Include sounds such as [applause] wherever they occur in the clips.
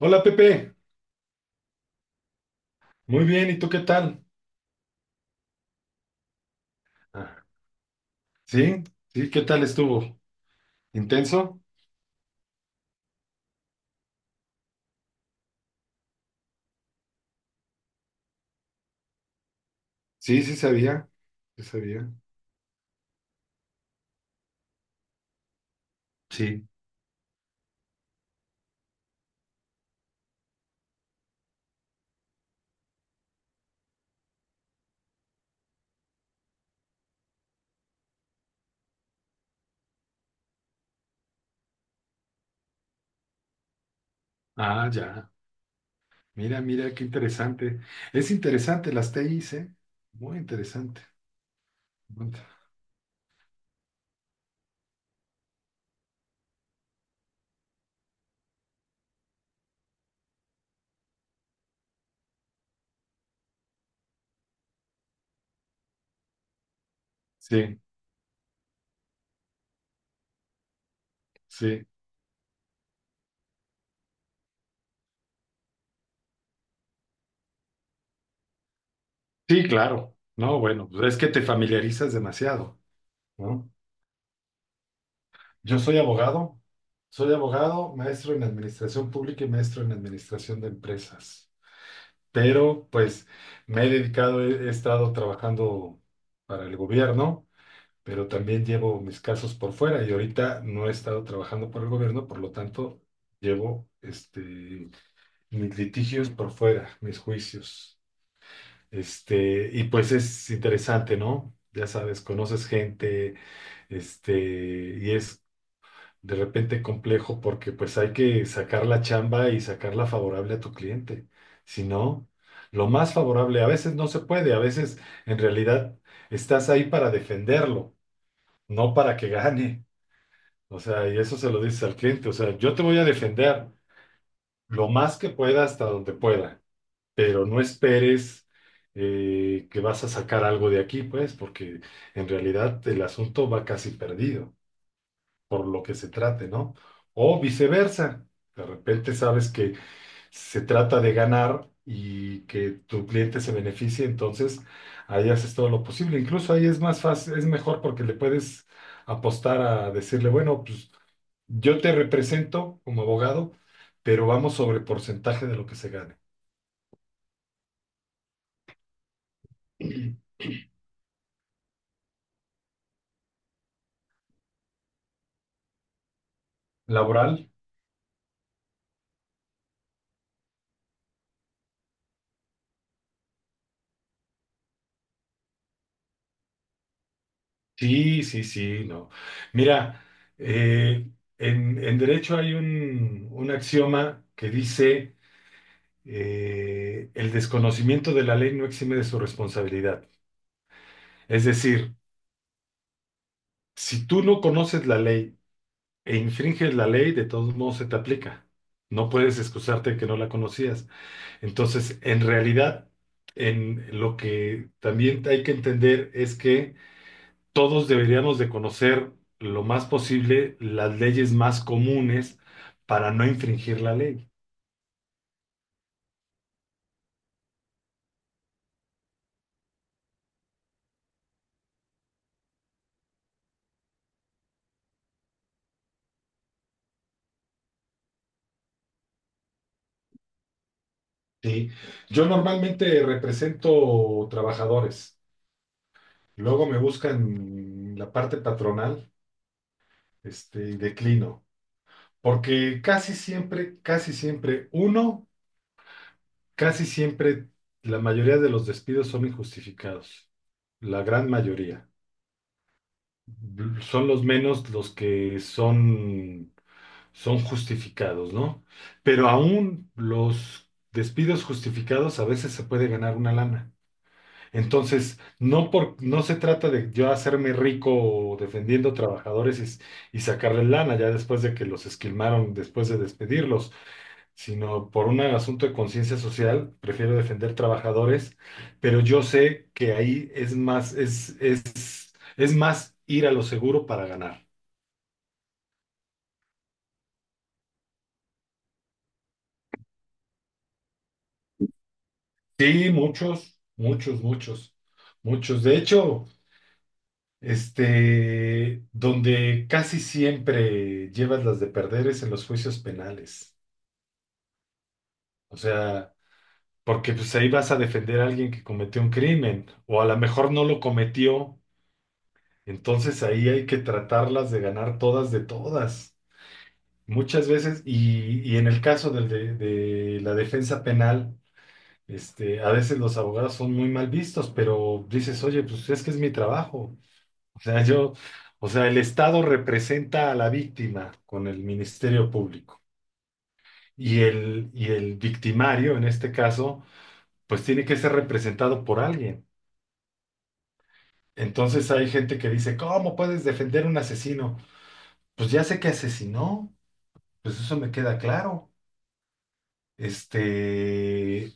Hola Pepe, muy bien, ¿y tú qué tal? Ah, ¿sí? ¿Sí? ¿Qué tal estuvo? ¿Intenso? Sí, sí sabía, sí sabía. Sí. Ah, ya. Mira, mira, qué interesante. Es interesante las TIs, ¿eh? Muy interesante. Sí, sí. Sí, claro. No, bueno, pues es que te familiarizas demasiado, ¿no? Yo soy abogado, maestro en administración pública y maestro en administración de empresas. Pero pues me he dedicado, he estado trabajando para el gobierno, pero también llevo mis casos por fuera y ahorita no he estado trabajando por el gobierno, por lo tanto, llevo este, mis litigios por fuera, mis juicios. Este, y pues es interesante, ¿no? Ya sabes, conoces gente, este, y es de repente complejo porque pues hay que sacar la chamba y sacarla favorable a tu cliente. Si no, lo más favorable, a veces no se puede, a veces en realidad estás ahí para defenderlo, no para que gane. O sea, y eso se lo dices al cliente, o sea, yo te voy a defender lo más que pueda hasta donde pueda, pero no esperes que vas a sacar algo de aquí, pues, porque en realidad el asunto va casi perdido por lo que se trate, ¿no? O viceversa, de repente sabes que se trata de ganar y que tu cliente se beneficie, entonces ahí haces todo lo posible. Incluso ahí es más fácil, es mejor porque le puedes apostar a decirle, bueno, pues yo te represento como abogado, pero vamos sobre porcentaje de lo que se gane. [clears throat] ¿Laboral? Sí, sí, sí, no. Mira, eh, en derecho hay un axioma que dice el desconocimiento de la ley no exime de su responsabilidad. Es decir, si tú no conoces la ley e infringes la ley, de todos modos se te aplica. No puedes excusarte de que no la conocías. Entonces, en realidad, en lo que también hay que entender es que todos deberíamos de conocer lo más posible las leyes más comunes para no infringir la ley. ¿Sí? Yo normalmente represento trabajadores. Luego me buscan la parte patronal, este, y declino, porque casi siempre, uno, casi siempre, la mayoría de los despidos son injustificados, la gran mayoría. Son los menos los que son, son justificados, ¿no? Pero aún los despidos justificados a veces se puede ganar una lana. Entonces, no, por, no se trata de yo hacerme rico defendiendo trabajadores y sacarles lana ya después de que los esquilmaron, después de despedirlos, sino por un asunto de conciencia social, prefiero defender trabajadores, pero yo sé que ahí es más, es más ir a lo seguro para ganar. Sí, muchos, muchos, muchos, muchos. De hecho, este, donde casi siempre llevas las de perder es en los juicios penales. O sea, porque pues ahí vas a defender a alguien que cometió un crimen, o a lo mejor no lo cometió, entonces ahí hay que tratarlas de ganar todas de todas. Muchas veces, y en el caso del de la defensa penal, este, a veces los abogados son muy mal vistos, pero dices, oye, pues es que es mi trabajo. O sea, yo, o sea, el Estado representa a la víctima con el Ministerio Público. Y el victimario, en este caso, pues tiene que ser representado por alguien. Entonces hay gente que dice, ¿cómo puedes defender un asesino? Pues ya sé que asesinó, pues eso me queda claro. Este,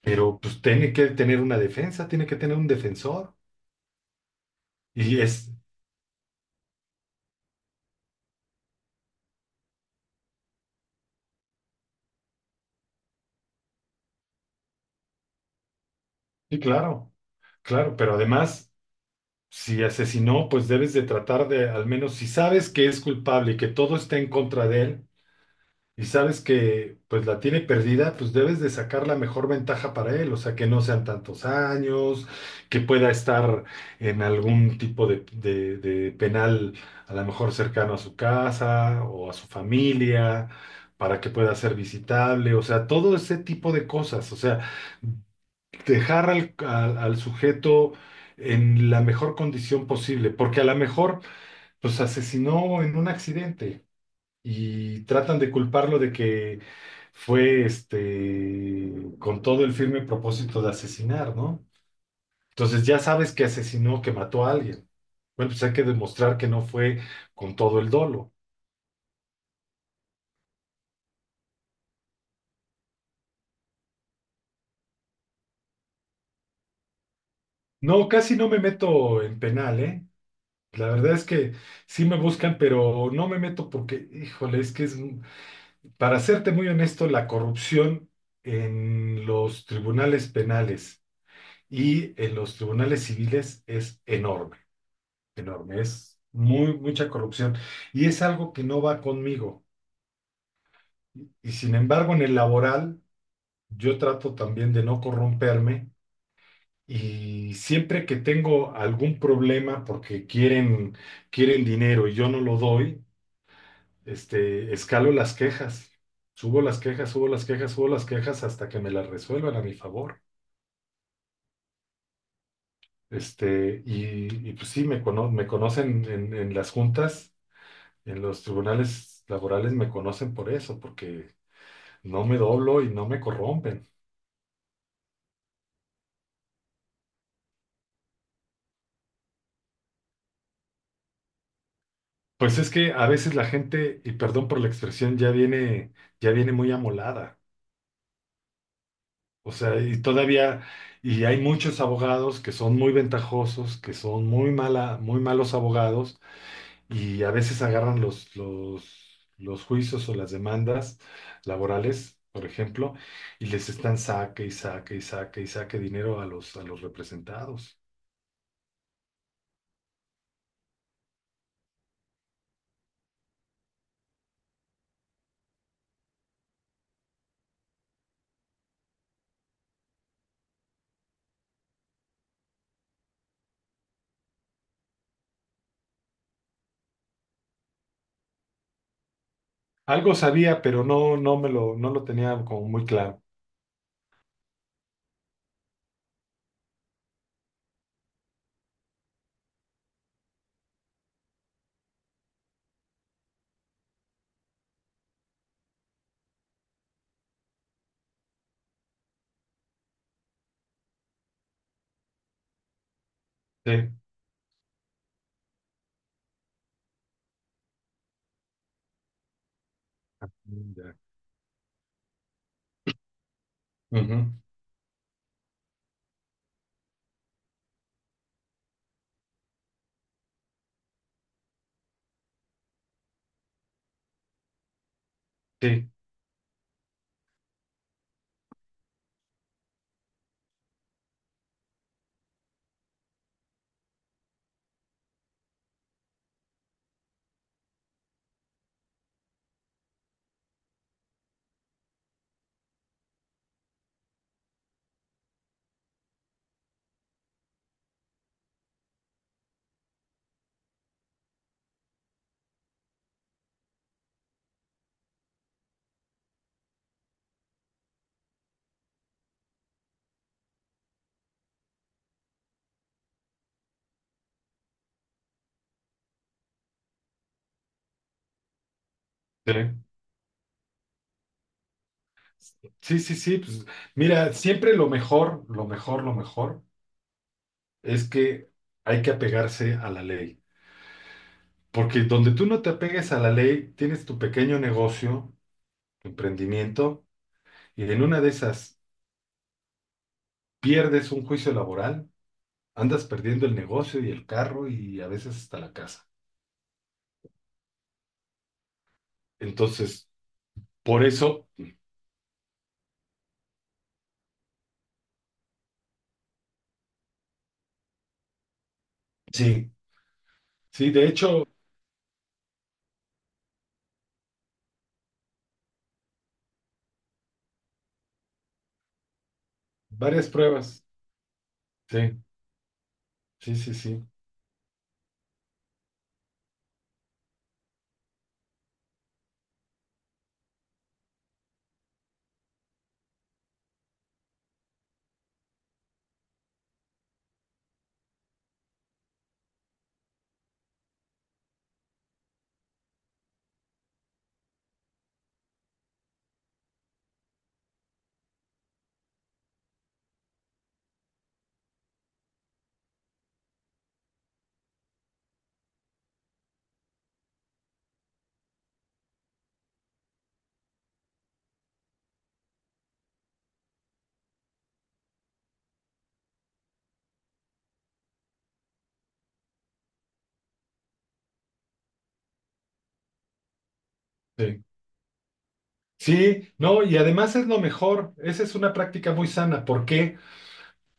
pero pues tiene que tener una defensa, tiene que tener un defensor. Y es, sí, claro, claro, pero además, si asesinó, pues debes de tratar de, al menos si sabes que es culpable y que todo está en contra de él, y sabes que pues la tiene perdida, pues debes de sacar la mejor ventaja para él, o sea, que no sean tantos años, que pueda estar en algún tipo de, de penal, a lo mejor cercano a su casa o a su familia, para que pueda ser visitable, o sea, todo ese tipo de cosas, o sea, dejar al, al sujeto en la mejor condición posible, porque a lo mejor pues asesinó en un accidente y tratan de culparlo de que fue este con todo el firme propósito de asesinar, ¿no? Entonces ya sabes que asesinó, que mató a alguien. Bueno, pues hay que demostrar que no fue con todo el dolo. No, casi no me meto en penal, ¿eh? La verdad es que sí me buscan, pero no me meto porque, híjole, es que es, para serte muy honesto, la corrupción en los tribunales penales y en los tribunales civiles es enorme. Enorme, es muy, mucha corrupción y es algo que no va conmigo. Y, sin embargo, en el laboral, yo trato también de no corromperme y siempre que tengo algún problema porque quieren, quieren dinero y yo no lo doy, este, escalo las quejas, subo las quejas, subo las quejas, subo las quejas hasta que me las resuelvan a mi favor. Este, y pues sí, me conocen en las juntas en los tribunales laborales me conocen por eso, porque no me doblo y no me corrompen. Pues es que a veces la gente, y perdón por la expresión, ya viene muy amolada. O sea, y todavía, y hay muchos abogados que son muy ventajosos, que son muy malos abogados, y a veces agarran los, juicios o las demandas laborales, por ejemplo, y les están saque y saque y saque y saque dinero a los representados. Algo sabía, pero no, no lo tenía como muy claro. Sí. Ya. Ujú. Sí, sí, sí, sí, sí, pues mira, siempre lo mejor, lo mejor, lo mejor es que hay que apegarse a la ley, porque donde tú no te apegues a la ley, tienes tu pequeño negocio, tu emprendimiento, y en una de esas pierdes un juicio laboral, andas perdiendo el negocio y el carro y a veces hasta la casa. Entonces, por eso, sí, sí, de hecho, varias pruebas, sí, sí, sí, sí, sí. Sí, no, y además es lo mejor, esa es una práctica muy sana. ¿Por qué?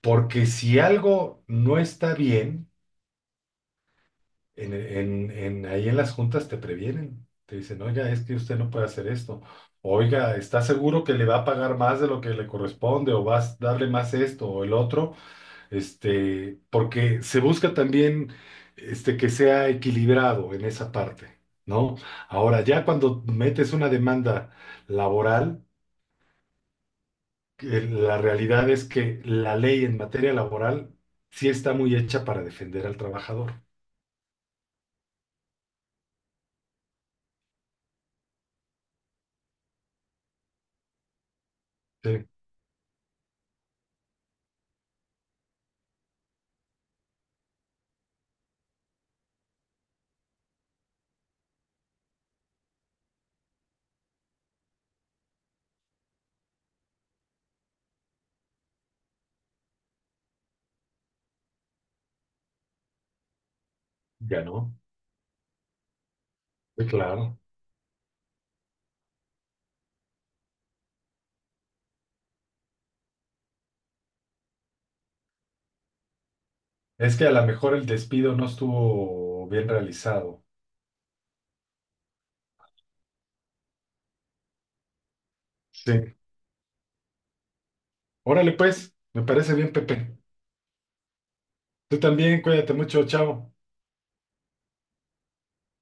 Porque si algo no está bien, ahí en las juntas te previenen, te dicen, oiga, es que usted no puede hacer esto, oiga, ¿está seguro que le va a pagar más de lo que le corresponde o vas a darle más esto o el otro? Este, porque se busca también este, que sea equilibrado en esa parte, ¿no? Ahora, ya cuando metes una demanda laboral, que la realidad es que la ley en materia laboral sí está muy hecha para defender al trabajador. Sí, ganó. Sí, claro. Es que a lo mejor el despido no estuvo bien realizado. Sí. Órale, pues, me parece bien, Pepe. Tú también, cuídate mucho, chao.